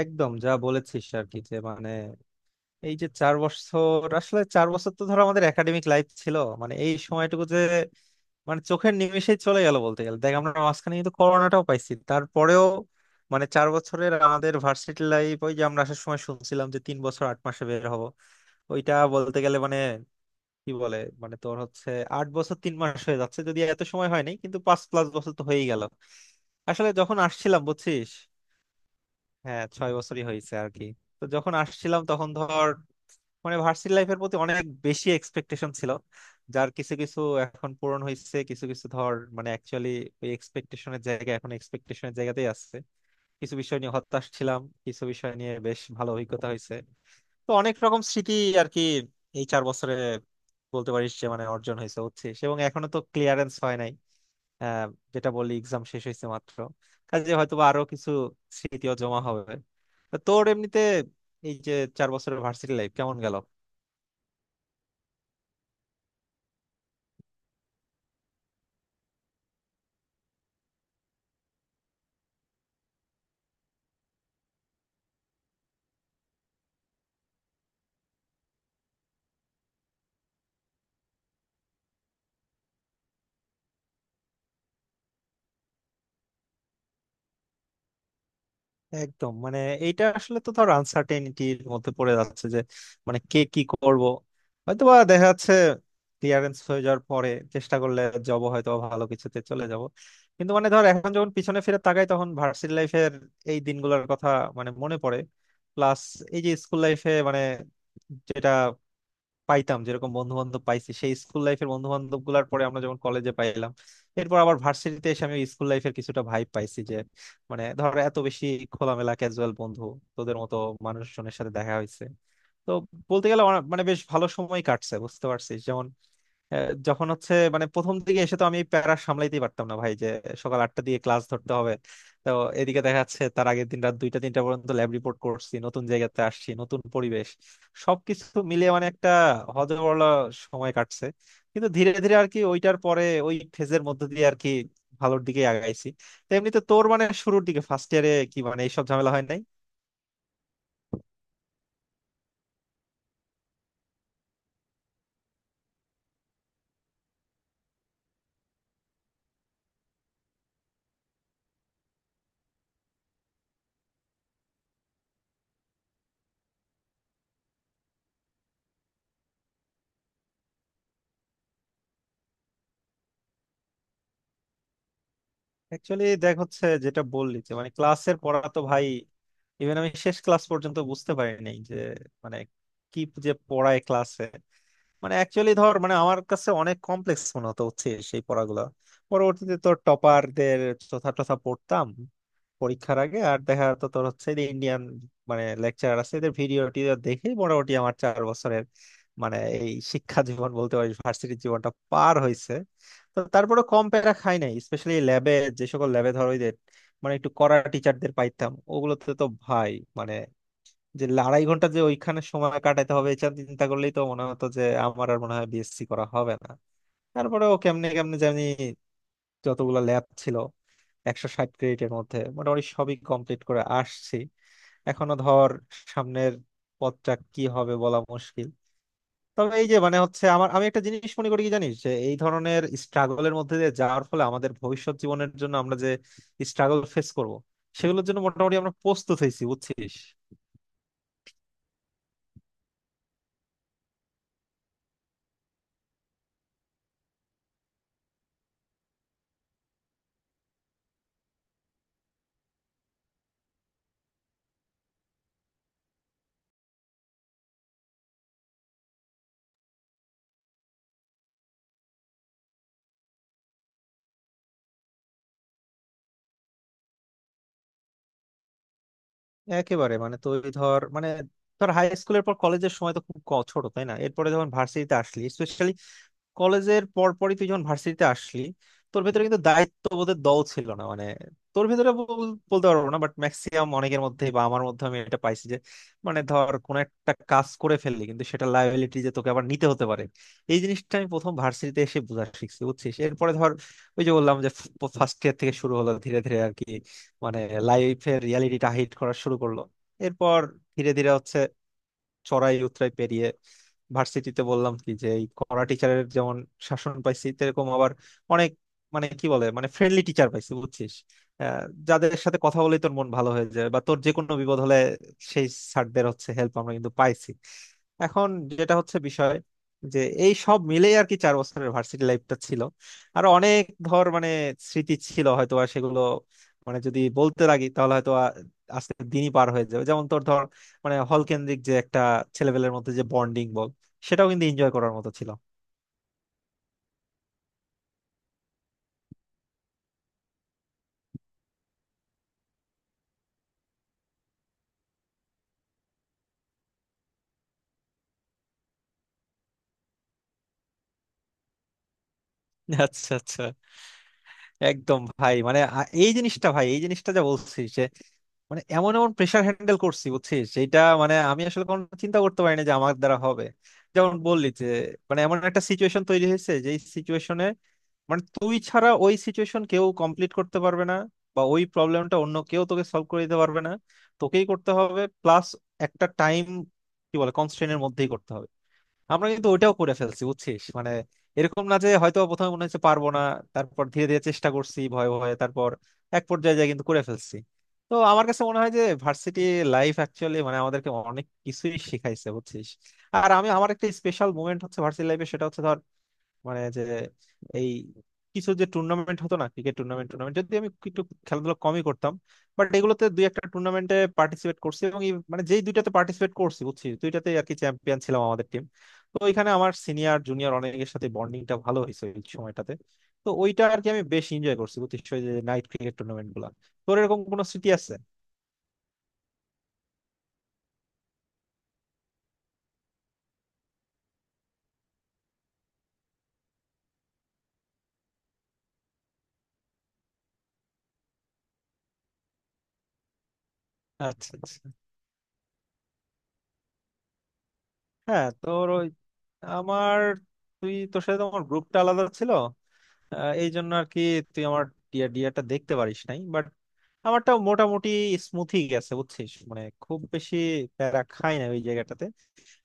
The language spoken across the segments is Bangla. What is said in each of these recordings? একদম যা বলেছিস আর কি যে মানে এই যে চার বছর, আসলে চার বছর তো ধরো আমাদের একাডেমিক লাইফ ছিল। মানে এই সময়টুকু যে মানে চোখের নিমেষেই চলে গেল বলতে গেলে। দেখ আমরা মাঝখানে কিন্তু করোনাটাও পাইছি, তারপরেও মানে চার বছরের আমাদের ভার্সিটি লাইফ। ওই যে আমরা আসার সময় শুনছিলাম যে 3 বছর 8 মাসে বের হব, ওইটা বলতে গেলে মানে কি বলে, মানে তোর হচ্ছে 8 বছর 3 মাস হয়ে যাচ্ছে, যদি এত সময় হয়নি কিন্তু পাঁচ প্লাস বছর তো হয়েই গেল। আসলে যখন আসছিলাম বুঝছিস, হ্যাঁ ছয় বছরই হয়েছে আর কি। তো যখন আসছিলাম তখন ধর মানে ভার্সিটি লাইফের প্রতি অনেক বেশি এক্সপেকটেশন ছিল, যার কিছু কিছু এখন পূরণ হয়েছে, কিছু কিছু ধর মানে অ্যাকচুয়ালি ওই এক্সপেকটেশনের জায়গা এখন এক্সপেকটেশনের জায়গাতেই আছে। কিছু বিষয় নিয়ে হতাশ ছিলাম, কিছু বিষয় নিয়ে বেশ ভালো অভিজ্ঞতা হয়েছে। তো অনেক রকম স্মৃতি আর কি এই চার বছরে, বলতে পারিস যে মানে অর্জন হয়েছে হচ্ছে, এবং এখনো তো ক্লিয়ারেন্স হয় নাই। আহ, যেটা বললি এক্সাম শেষ হয়েছে মাত্র, কাজে হয়তো বা আরো কিছু স্মৃতিও জমা হবে। তা তোর এমনিতে এই যে চার বছরের ভার্সিটি লাইফ কেমন গেল? একদম মানে এইটা আসলে তো ধর আনসার্টেনিটির মধ্যে পড়ে যাচ্ছে যে মানে কে কি করব। হয়তোবা দেখা যাচ্ছে ক্লিয়ারেন্স হয়ে যাওয়ার পরে চেষ্টা করলে জব হয়তো ভালো কিছুতে চলে যাব, কিন্তু মানে ধর এখন যখন পিছনে ফিরে তাকাই তখন ভার্সিটি লাইফের এই দিনগুলোর কথা মানে মনে পড়ে। প্লাস এই যে স্কুল লাইফে মানে যেটা পাইতাম, যেরকম বন্ধু বান্ধব পাইছি সেই স্কুল লাইফের বন্ধু বান্ধব গুলার পরে আমরা যখন কলেজে পাইলাম, এরপর আবার ভার্সিটিতে এসে আমি স্কুল লাইফের কিছুটা ভাইব পাইছি। যে মানে ধরো এত বেশি খোলামেলা ক্যাজুয়াল বন্ধু, তোদের মতো মানুষজনের সাথে দেখা হয়েছে। তো বলতে গেলে মানে বেশ ভালো সময় কাটছে, বুঝতে পারছিস। যখন হচ্ছে মানে প্রথম দিকে এসে তো আমি প্যারা সামলাইতেই পারতাম না ভাই। যে সকাল 8টা দিয়ে ক্লাস ধরতে হবে, তো এদিকে দেখা যাচ্ছে তার আগের দিন রাত 2টা 3টা পর্যন্ত ল্যাব রিপোর্ট করছি, নতুন জায়গাতে আসছি, নতুন পরিবেশ, সবকিছু মিলিয়ে মানে একটা হজবলা সময় কাটছে। কিন্তু ধীরে ধীরে আর কি ওইটার পরে ওই ফেজের মধ্যে দিয়ে আর কি ভালোর দিকে আগাইছি। তো এমনিতে তোর মানে শুরুর দিকে ফার্স্ট ইয়ারে কি মানে এইসব ঝামেলা হয় নাই? অ্যাকচুয়ালি দেখ হচ্ছে যেটা বললি যে মানে ক্লাসের পড়া তো ভাই, ইভেন আমি শেষ ক্লাস পর্যন্ত বুঝতে পারিনি যে মানে কি যে পড়ায় ক্লাসে। মানে অ্যাকচুয়ালি ধর মানে আমার কাছে অনেক কমপ্লেক্স মনে হতো হচ্ছে সেই পড়াগুলো। পরবর্তীতে তোর টপারদের চথা টথা পড়তাম পরীক্ষার আগে, আর দেখা যেত তোর হচ্ছে যে ইন্ডিয়ান মানে লেকচারার আছে এদের ভিডিও টিডিও দেখেই মোটামুটি আমার চার বছরের মানে এই শিক্ষা জীবন বলতে পারি ভার্সিটির জীবনটা পার হয়েছে। তো তারপরে কম প্যারা খাই নাই, স্পেশালি ল্যাবে। যে সকল ল্যাবে ধরো ওই যে মানে একটু কড়া টিচারদের পাইতাম ওগুলোতে তো ভাই মানে যে আড়াই ঘন্টা যে ওইখানে সময় কাটাতে হবে এটা চিন্তা করলেই তো মনে হতো যে আমার আর মনে হয় বিএসসি করা হবে না। তারপরেও কেমনে কেমনে জানি যতগুলো ল্যাব ছিল, 160 ক্রেডিটের মধ্যে মোটামুটি সবই কমপ্লিট করে আসছি। এখনো ধর সামনের পথটা কি হবে বলা মুশকিল। তবে এই যে মানে হচ্ছে আমার, আমি একটা জিনিস মনে করি কি জানিস, যে এই ধরনের স্ট্রাগলের মধ্যে দিয়ে যাওয়ার ফলে আমাদের ভবিষ্যৎ জীবনের জন্য আমরা যে স্ট্রাগল ফেস করব সেগুলোর জন্য মোটামুটি আমরা প্রস্তুত হয়েছি, বুঝছিস। একেবারে মানে তুই ধর মানে ধর হাই স্কুলের পর কলেজের সময় তো খুব ছোট, তাই না? এরপরে যখন ভার্সিটিতে আসলি, কলেজের পরপরই তুই যখন ভার্সিটিতে আসলি, তোর ভেতরে কিন্তু দায়িত্ববোধের দল ছিল না। মানে তোর ভেতরে বলতে পারবো না, বাট ম্যাক্সিমাম অনেকের মধ্যে বা আমার মধ্যে আমি এটা পাইছি যে মানে ধর কোনো একটা কাজ করে ফেললি কিন্তু সেটা লাইবিলিটি যে তোকে আবার নিতে হতে পারে, এই জিনিসটা আমি প্রথম ভার্সিটিতে এসে বোঝা শিখছি, বুঝছিস। এরপরে ধর ওই যে বললাম যে ফার্স্ট ইয়ার থেকে শুরু হলো ধীরে ধীরে আর কি মানে লাইফের রিয়ালিটিটা হিট করা শুরু করলো। এরপর ধীরে ধীরে হচ্ছে চড়াই উতরাই পেরিয়ে ভার্সিটিতে বললাম কি যে এই কড়া টিচারের যেমন শাসন পাইছি, এরকম আবার অনেক মানে কি বলে মানে ফ্রেন্ডলি টিচার পাইছি, বুঝছিস। আহ, যাদের সাথে কথা বলেই তোর মন ভালো হয়ে যায়, বা তোর যে কোনো বিপদ হলে সেই স্যারদের হচ্ছে হেল্প আমরা কিন্তু পাইছি। এখন যেটা হচ্ছে বিষয় যে এই সব মিলেই আর কি চার বছরের ভার্সিটি লাইফটা ছিল। আর অনেক ধর মানে স্মৃতি ছিল হয়তো, আর সেগুলো মানে যদি বলতে লাগি তাহলে হয়তো আজকের দিনই পার হয়ে যাবে। যেমন তোর ধর মানে হল কেন্দ্রিক যে একটা ছেলেবেলের মধ্যে যে বন্ডিং বল, সেটাও কিন্তু এনজয় করার মতো ছিল। আচ্ছা, আচ্ছা। একদম ভাই মানে এই জিনিসটা ভাই, এই জিনিসটা যা বলছিস, মানে এমন এমন প্রেসার হ্যান্ডেল করছি বুঝছিস, সেটা মানে আমি আসলে কোনো চিন্তা করতে পারিনি যে আমার দ্বারা হবে। যেমন বললি যে মানে এমন একটা সিচুয়েশন তৈরি হয়েছে যে সিচুয়েশনে মানে তুই ছাড়া ওই সিচুয়েশন কেউ কমপ্লিট করতে পারবে না, বা ওই প্রবলেমটা অন্য কেউ তোকে সলভ করে দিতে পারবে না, তোকেই করতে হবে। প্লাস একটা টাইম কি বলে কনস্ট্রেনের মধ্যেই করতে হবে, আমরা কিন্তু ওইটাও করে ফেলছি, বুঝছিস। মানে এরকম না যে হয়তো প্রথমে মনে হচ্ছে পারবো না, তারপর ধীরে ধীরে চেষ্টা করছি ভয়ে ভয়ে, তারপর এক পর্যায়ে যায় কিন্তু করে ফেলছি। তো আমার কাছে মনে হয় যে ভার্সিটি লাইফ অ্যাকচুয়ালি মানে আমাদেরকে অনেক কিছুই শিখাইছে, বুঝছিস। আর আমি, আমার একটা স্পেশাল মুমেন্ট হচ্ছে ভার্সিটি লাইফে সেটা হচ্ছে ধর মানে যে এই কিছু যে টুর্নামেন্ট হতো না, ক্রিকেট টুর্নামেন্ট, যদি আমি একটু, খেলাধুলা কমই করতাম বাট এগুলোতে দুই একটা টুর্নামেন্টে পার্টিসিপেট করছি, এবং মানে যেই দুইটাতে পার্টিসিপেট করছি বুঝছি দুইটাতে আর কি চ্যাম্পিয়ন ছিলাম আমাদের টিম। তো ওইখানে আমার সিনিয়র জুনিয়র অনেকের সাথে বন্ডিংটা ভালো হয়েছে ওই সময়টাতে। তো ওইটা আর কি আমি বেশ এনজয় করছি, বুঝছিস, ওই যে নাইট ক্রিকেট টুর্নামেন্ট গুলা। তোর এরকম কোনো স্মৃতি আছে? আচ্ছা, আচ্ছা। হ্যাঁ তোর ওই, আমার, তুই তোর সাথে তো আমার গ্রুপটা আলাদা ছিল, এই জন্য আর কি তুই আমার ডিয়াটা দেখতে পারিস নাই বাট আমারটাও মোটামুটি স্মুথি গেছে, বুঝছিস, মানে খুব বেশি প্যারা খাই না ওই জায়গাটাতে।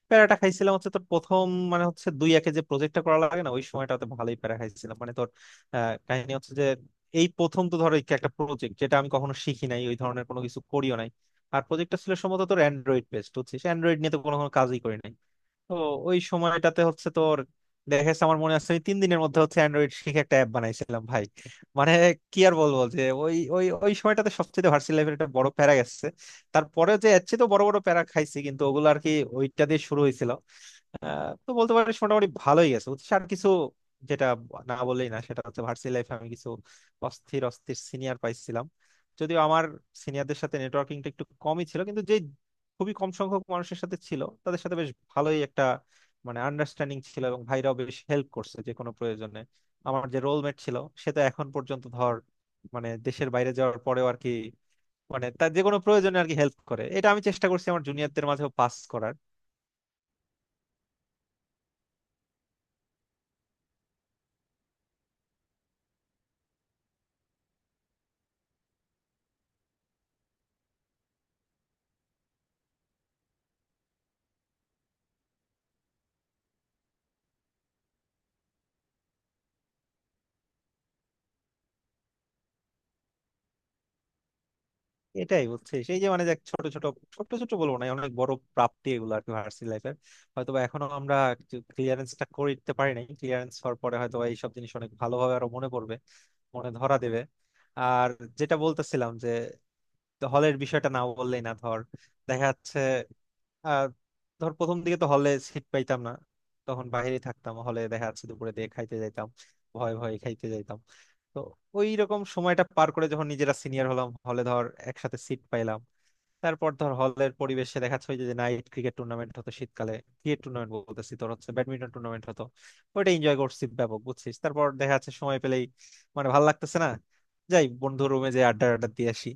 প্যারাটা খাইছিলাম হচ্ছে তোর প্রথম মানে হচ্ছে দুই একে যে প্রজেক্টটা করা লাগে না, ওই সময়টাতে ভালোই প্যারা খাইছিলাম মানে তোর। কাহিনী হচ্ছে যে এই প্রথম তো ধর এই একটা প্রজেক্ট যেটা আমি কখনো শিখি নাই, ওই ধরনের কোনো কিছু করিও নাই। আর প্রজেক্টটা ছিল সম্ভবত তোর অ্যান্ড্রয়েড বেসড, বুঝছিস, অ্যান্ড্রয়েড নিয়ে তো কোনো কোনো কাজই করি নাই। তো ওই সময়টাতে হচ্ছে তোর দেখা যাচ্ছে আমার মনে আছে আমি 3 দিনের মধ্যে হচ্ছে অ্যান্ড্রয়েড শিখে একটা অ্যাপ বানাইছিলাম ভাই। মানে কি আর বলবো যে ওই ওই ওই সময়টাতে সবচেয়ে ভার্সিটি লাইফের একটা বড় প্যারা গেছে। তারপরে যে এর চেয়ে তো বড় বড় প্যারা খাইছি কিন্তু ওগুলো আর কি, ওইটা দিয়ে শুরু হয়েছিল। তো বলতে পারিস মোটামুটি ভালোই গেছে, বুঝছিস। আর কিছু যেটা না বললেই না সেটা হচ্ছে ভার্সিটি লাইফে আমি কিছু অস্থির অস্থির সিনিয়র পাইছিলাম। যদিও আমার সিনিয়রদের সাথে নেটওয়ার্কিংটা একটু কমই ছিল, কিন্তু যে খুবই কম সংখ্যক মানুষের সাথে ছিল তাদের সাথে বেশ ভালোই একটা মানে আন্ডারস্ট্যান্ডিং ছিল, এবং ভাইরাও বেশ হেল্প করছে যে কোনো প্রয়োজনে। আমার যে রোলমেট ছিল সে তো এখন পর্যন্ত ধর মানে দেশের বাইরে যাওয়ার পরেও আর কি মানে তার যে কোনো প্রয়োজনে আর কি হেল্প করে, এটা আমি চেষ্টা করছি আমার জুনিয়রদের মাঝেও পাস করার। এটাই হচ্ছে সেই যে মানে দেখ, ছোট ছোট বলবো না, অনেক বড় প্রাপ্তি এগুলো আর কি ভার্সিটি লাইফের। হয়তো বা এখনো আমরা ক্লিয়ারেন্সটা করে দিতে পারি নাই, ক্লিয়ারেন্স হওয়ার পরে হয়তো বা এইসব জিনিস অনেক ভালোভাবে আরো মনে পড়বে, মনে ধরা দেবে। আর যেটা বলতেছিলাম যে হলের বিষয়টা না বললেই না। ধর দেখা যাচ্ছে আহ ধর প্রথম দিকে তো হলে সিট পাইতাম না, তখন বাইরে থাকতাম, হলে দেখা যাচ্ছে দুপুরে দিয়ে খাইতে যাইতাম, ভয়ে ভয়ে খাইতে যাইতাম। তো ওই রকম সময়টা পার করে যখন নিজেরা সিনিয়র হলাম হলে, ধর একসাথে সিট পাইলাম। তারপর ধর হলের পরিবেশে দেখাচ্ছে ওই যে নাইট ক্রিকেট টুর্নামেন্ট হতো শীতকালে, ক্রিকেট টুর্নামেন্ট বলতেছি, তোর হচ্ছে ব্যাডমিন্টন টুর্নামেন্ট হতো, ওইটা এনজয় করছি ব্যাপক, বুঝছিস। তারপর দেখা যাচ্ছে সময় পেলেই মানে ভালো লাগতেছে না, যাই বন্ধু রুমে, যে আড্ডা আড্ডা দিয়ে আসি।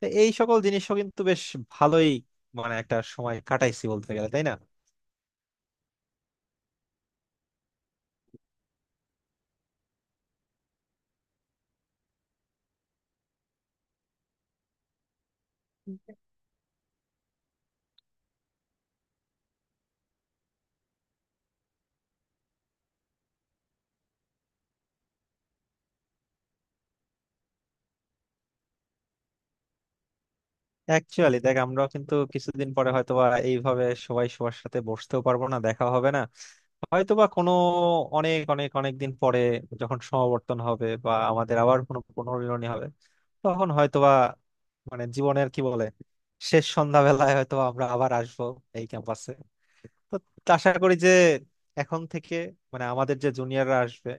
তো এই সকল জিনিসও কিন্তু বেশ ভালোই মানে একটা সময় কাটাইছি বলতে গেলে, তাই না? অ্যাকচুয়ালি দেখ আমরাও কিন্তু কিছুদিন পরে হয়তোবা এইভাবে সবাই সবার সাথে বসতেও পারবো না, দেখা হবে না। হয়তোবা কোনো অনেক অনেক অনেক দিন পরে যখন সমাবর্তন হবে বা আমাদের আবার কোনো পুনর্মিলনী হবে, তখন হয়তোবা মানে জীবনের কি বলে শেষ সন্ধ্যাবেলায় হয়তো আমরা আবার আসবো এই ক্যাম্পাসে। তো আশা করি যে এখন থেকে মানে আমাদের যে জুনিয়ররা আসবে,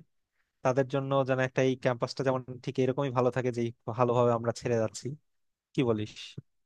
তাদের জন্য যেন একটা এই ক্যাম্পাসটা যেমন ঠিক এরকমই ভালো থাকে, যেই ভালোভাবে আমরা ছেড়ে যাচ্ছি। কি বলিস?